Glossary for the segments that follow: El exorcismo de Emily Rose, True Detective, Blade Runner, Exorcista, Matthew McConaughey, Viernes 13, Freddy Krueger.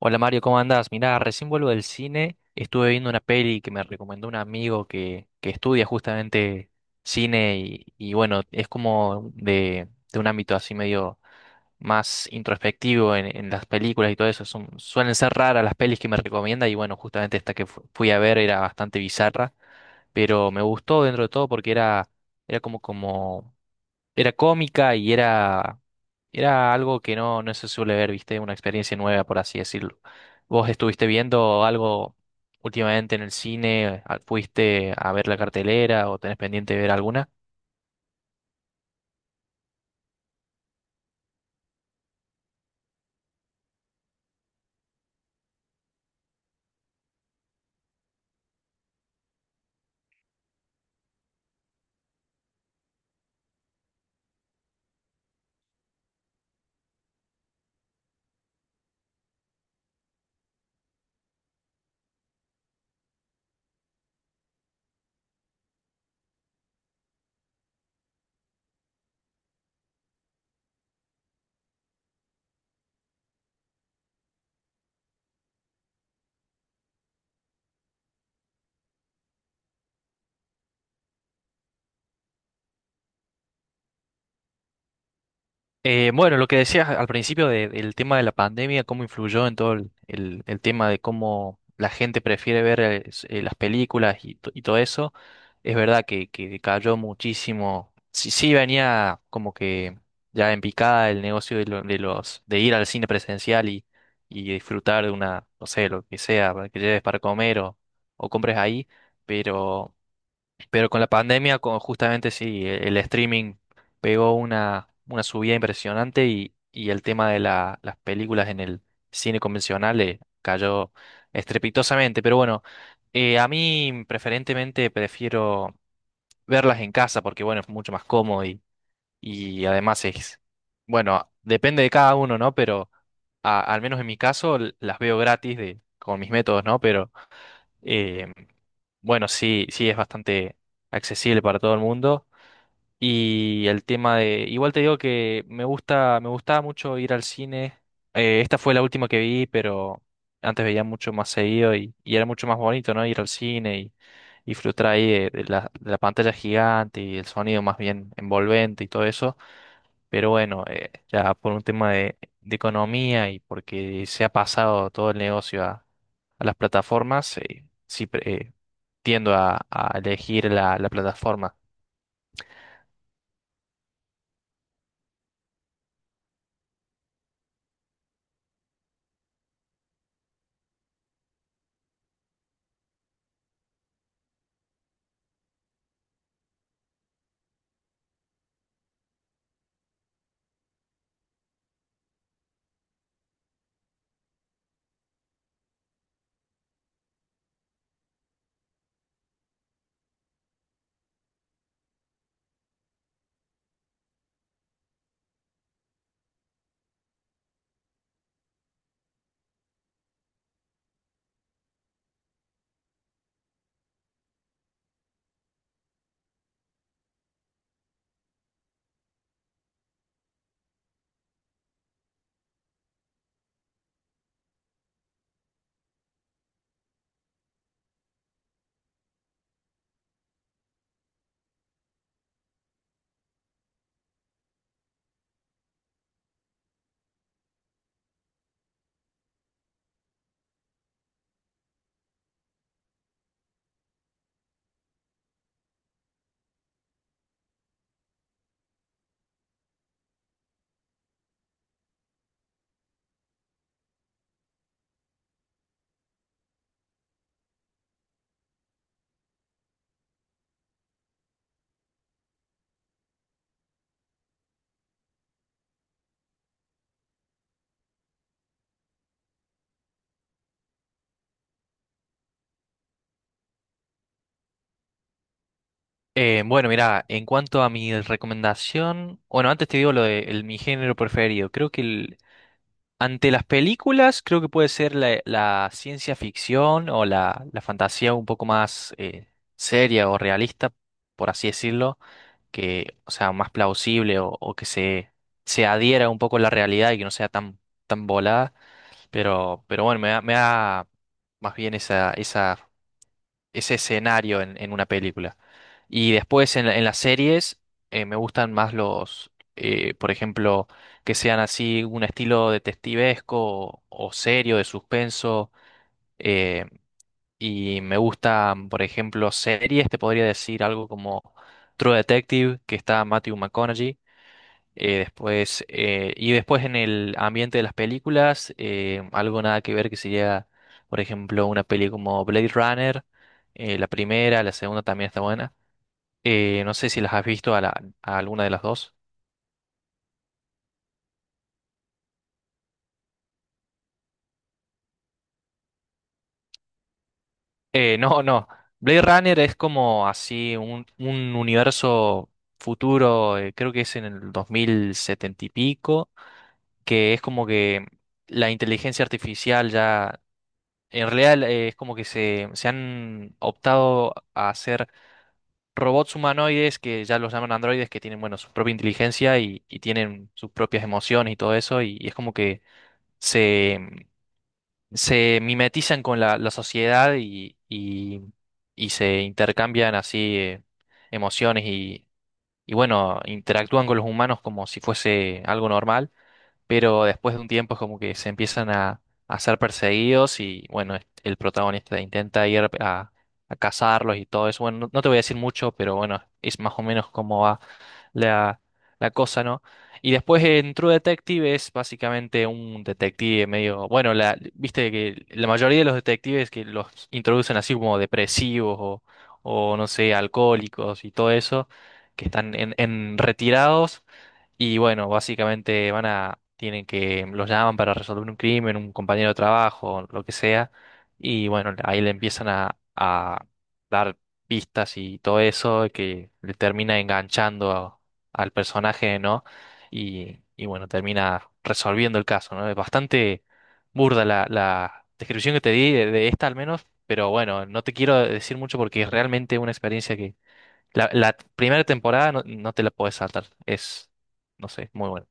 Hola Mario, ¿cómo andás? Mirá, recién vuelvo del cine, estuve viendo una peli que me recomendó un amigo que estudia justamente cine y bueno, es como de un ámbito así medio más introspectivo en las películas y todo eso. Suelen ser raras las pelis que me recomienda y bueno, justamente esta que fui a ver era bastante bizarra pero me gustó dentro de todo porque era como, como, era cómica y era algo que no se suele ver, viste, una experiencia nueva, por así decirlo. ¿Vos estuviste viendo algo últimamente en el cine? ¿Fuiste a ver la cartelera o tenés pendiente de ver alguna? Bueno, lo que decías al principio del tema de la pandemia, cómo influyó en todo el tema de cómo la gente prefiere ver las películas y todo eso, es verdad que cayó muchísimo. Sí, sí venía como que ya en picada el negocio de los de ir al cine presencial y disfrutar de una, no sé, lo que sea, para que lleves para comer o compres ahí, pero con la pandemia, con, justamente sí, el streaming pegó una subida impresionante y el tema de las películas en el cine convencional cayó estrepitosamente. Pero bueno, a mí preferentemente prefiero verlas en casa porque bueno, es mucho más cómodo y además es, bueno, depende de cada uno, ¿no? Pero al menos en mi caso las veo gratis de, con mis métodos, ¿no? Eh, bueno, sí, sí es bastante accesible para todo el mundo. Y el tema de, igual te digo que me gusta, me gustaba mucho ir al cine. Esta fue la última que vi, pero antes veía mucho más seguido y era mucho más bonito, ¿no? Ir al cine y disfrutar ahí de la pantalla gigante y el sonido más bien envolvente y todo eso. Pero bueno, ya por un tema de economía y porque se ha pasado todo el negocio a las plataformas, tiendo a elegir la, la plataforma. Bueno, mira, en cuanto a mi recomendación, bueno, antes te digo lo de mi género preferido. Creo que ante las películas, creo que puede ser la, la ciencia ficción o la fantasía un poco más seria o realista, por así decirlo, que, o sea, más plausible o que se adhiera un poco a la realidad y que no sea tan, tan volada. Pero bueno, me da más bien esa, esa ese escenario en una película. Y después en, en las series me gustan más los, por ejemplo, que sean así un estilo detectivesco o serio, de suspenso. eh, y me gustan, por ejemplo, series, te podría decir algo como True Detective, que está Matthew McConaughey. Y después en el ambiente de las películas, algo nada que ver que sería, por ejemplo, una peli como Blade Runner, la primera, la segunda también está buena. No sé si las has visto a, a alguna de las dos. No, no. Blade Runner es como así un universo futuro, creo que es en el 2070 y pico, que es como que la inteligencia artificial ya. En realidad es como que se han optado a hacer robots humanoides que ya los llaman androides, que tienen, bueno, su propia inteligencia y tienen sus propias emociones y todo eso, y es como que se, se mimetizan con la, la sociedad y se intercambian así emociones y, bueno, interactúan con los humanos como si fuese algo normal pero después de un tiempo es como que se empiezan a ser perseguidos y bueno, el protagonista intenta ir a cazarlos y todo eso. Bueno, no, no te voy a decir mucho, pero bueno, es más o menos cómo va la, la cosa, ¿no? Y después en True Detective es básicamente un detective medio, bueno, la, viste que la mayoría de los detectives que los introducen así como depresivos o no sé, alcohólicos y todo eso, que están en retirados. Y bueno, básicamente van a, tienen que, los llaman para resolver un crimen, un compañero de trabajo, lo que sea. Y bueno, ahí le empiezan a dar pistas y todo eso, que le termina enganchando al personaje, ¿no? Y bueno, termina resolviendo el caso, ¿no? Es bastante burda la, la descripción que te di de esta al menos, pero bueno, no te quiero decir mucho porque es realmente una experiencia la, la primera temporada no, no te la puedes saltar. Es, no sé, muy buena.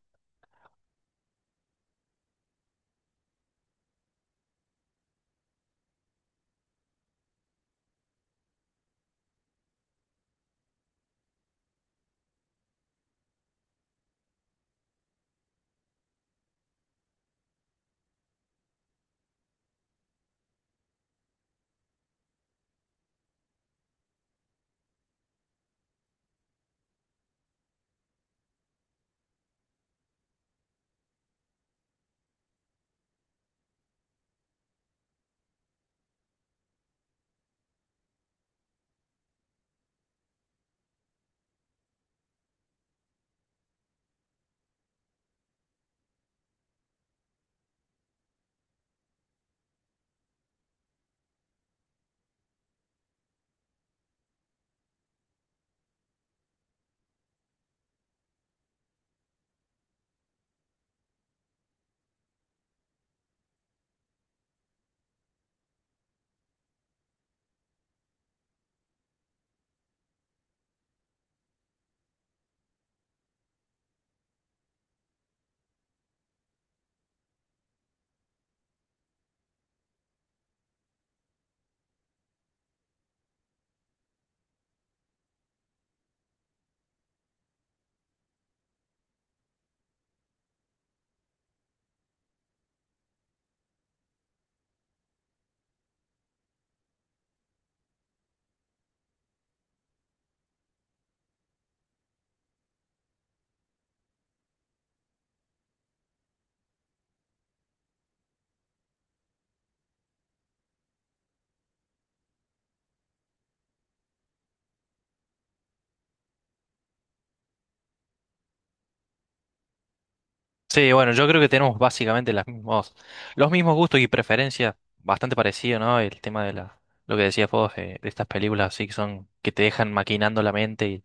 Sí, bueno, yo creo que tenemos básicamente las mismos, los mismos gustos y preferencias, bastante parecido, ¿no? El tema de la, lo que decías vos, de estas películas así que son, que te dejan maquinando la mente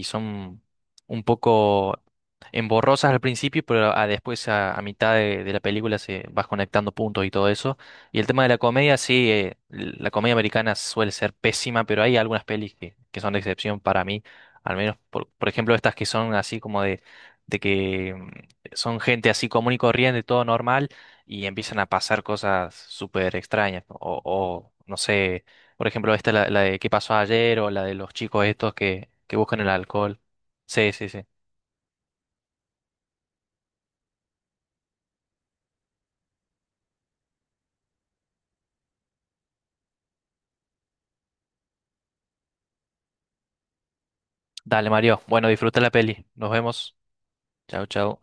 y son un poco emborrosas al principio, pero a, después a mitad de la película se vas conectando puntos y todo eso. Y el tema de la comedia, sí, la comedia americana suele ser pésima, pero hay algunas pelis que son de excepción para mí, al menos por ejemplo estas que son así como de que son gente así común y corriente, todo normal, y empiezan a pasar cosas súper extrañas. ¿No? O, no sé, por ejemplo, esta, la de qué pasó ayer, o la de los chicos estos que buscan el alcohol. Sí, sí, sí. Dale, Mario. Bueno, disfruta la peli. Nos vemos. Chao, chao.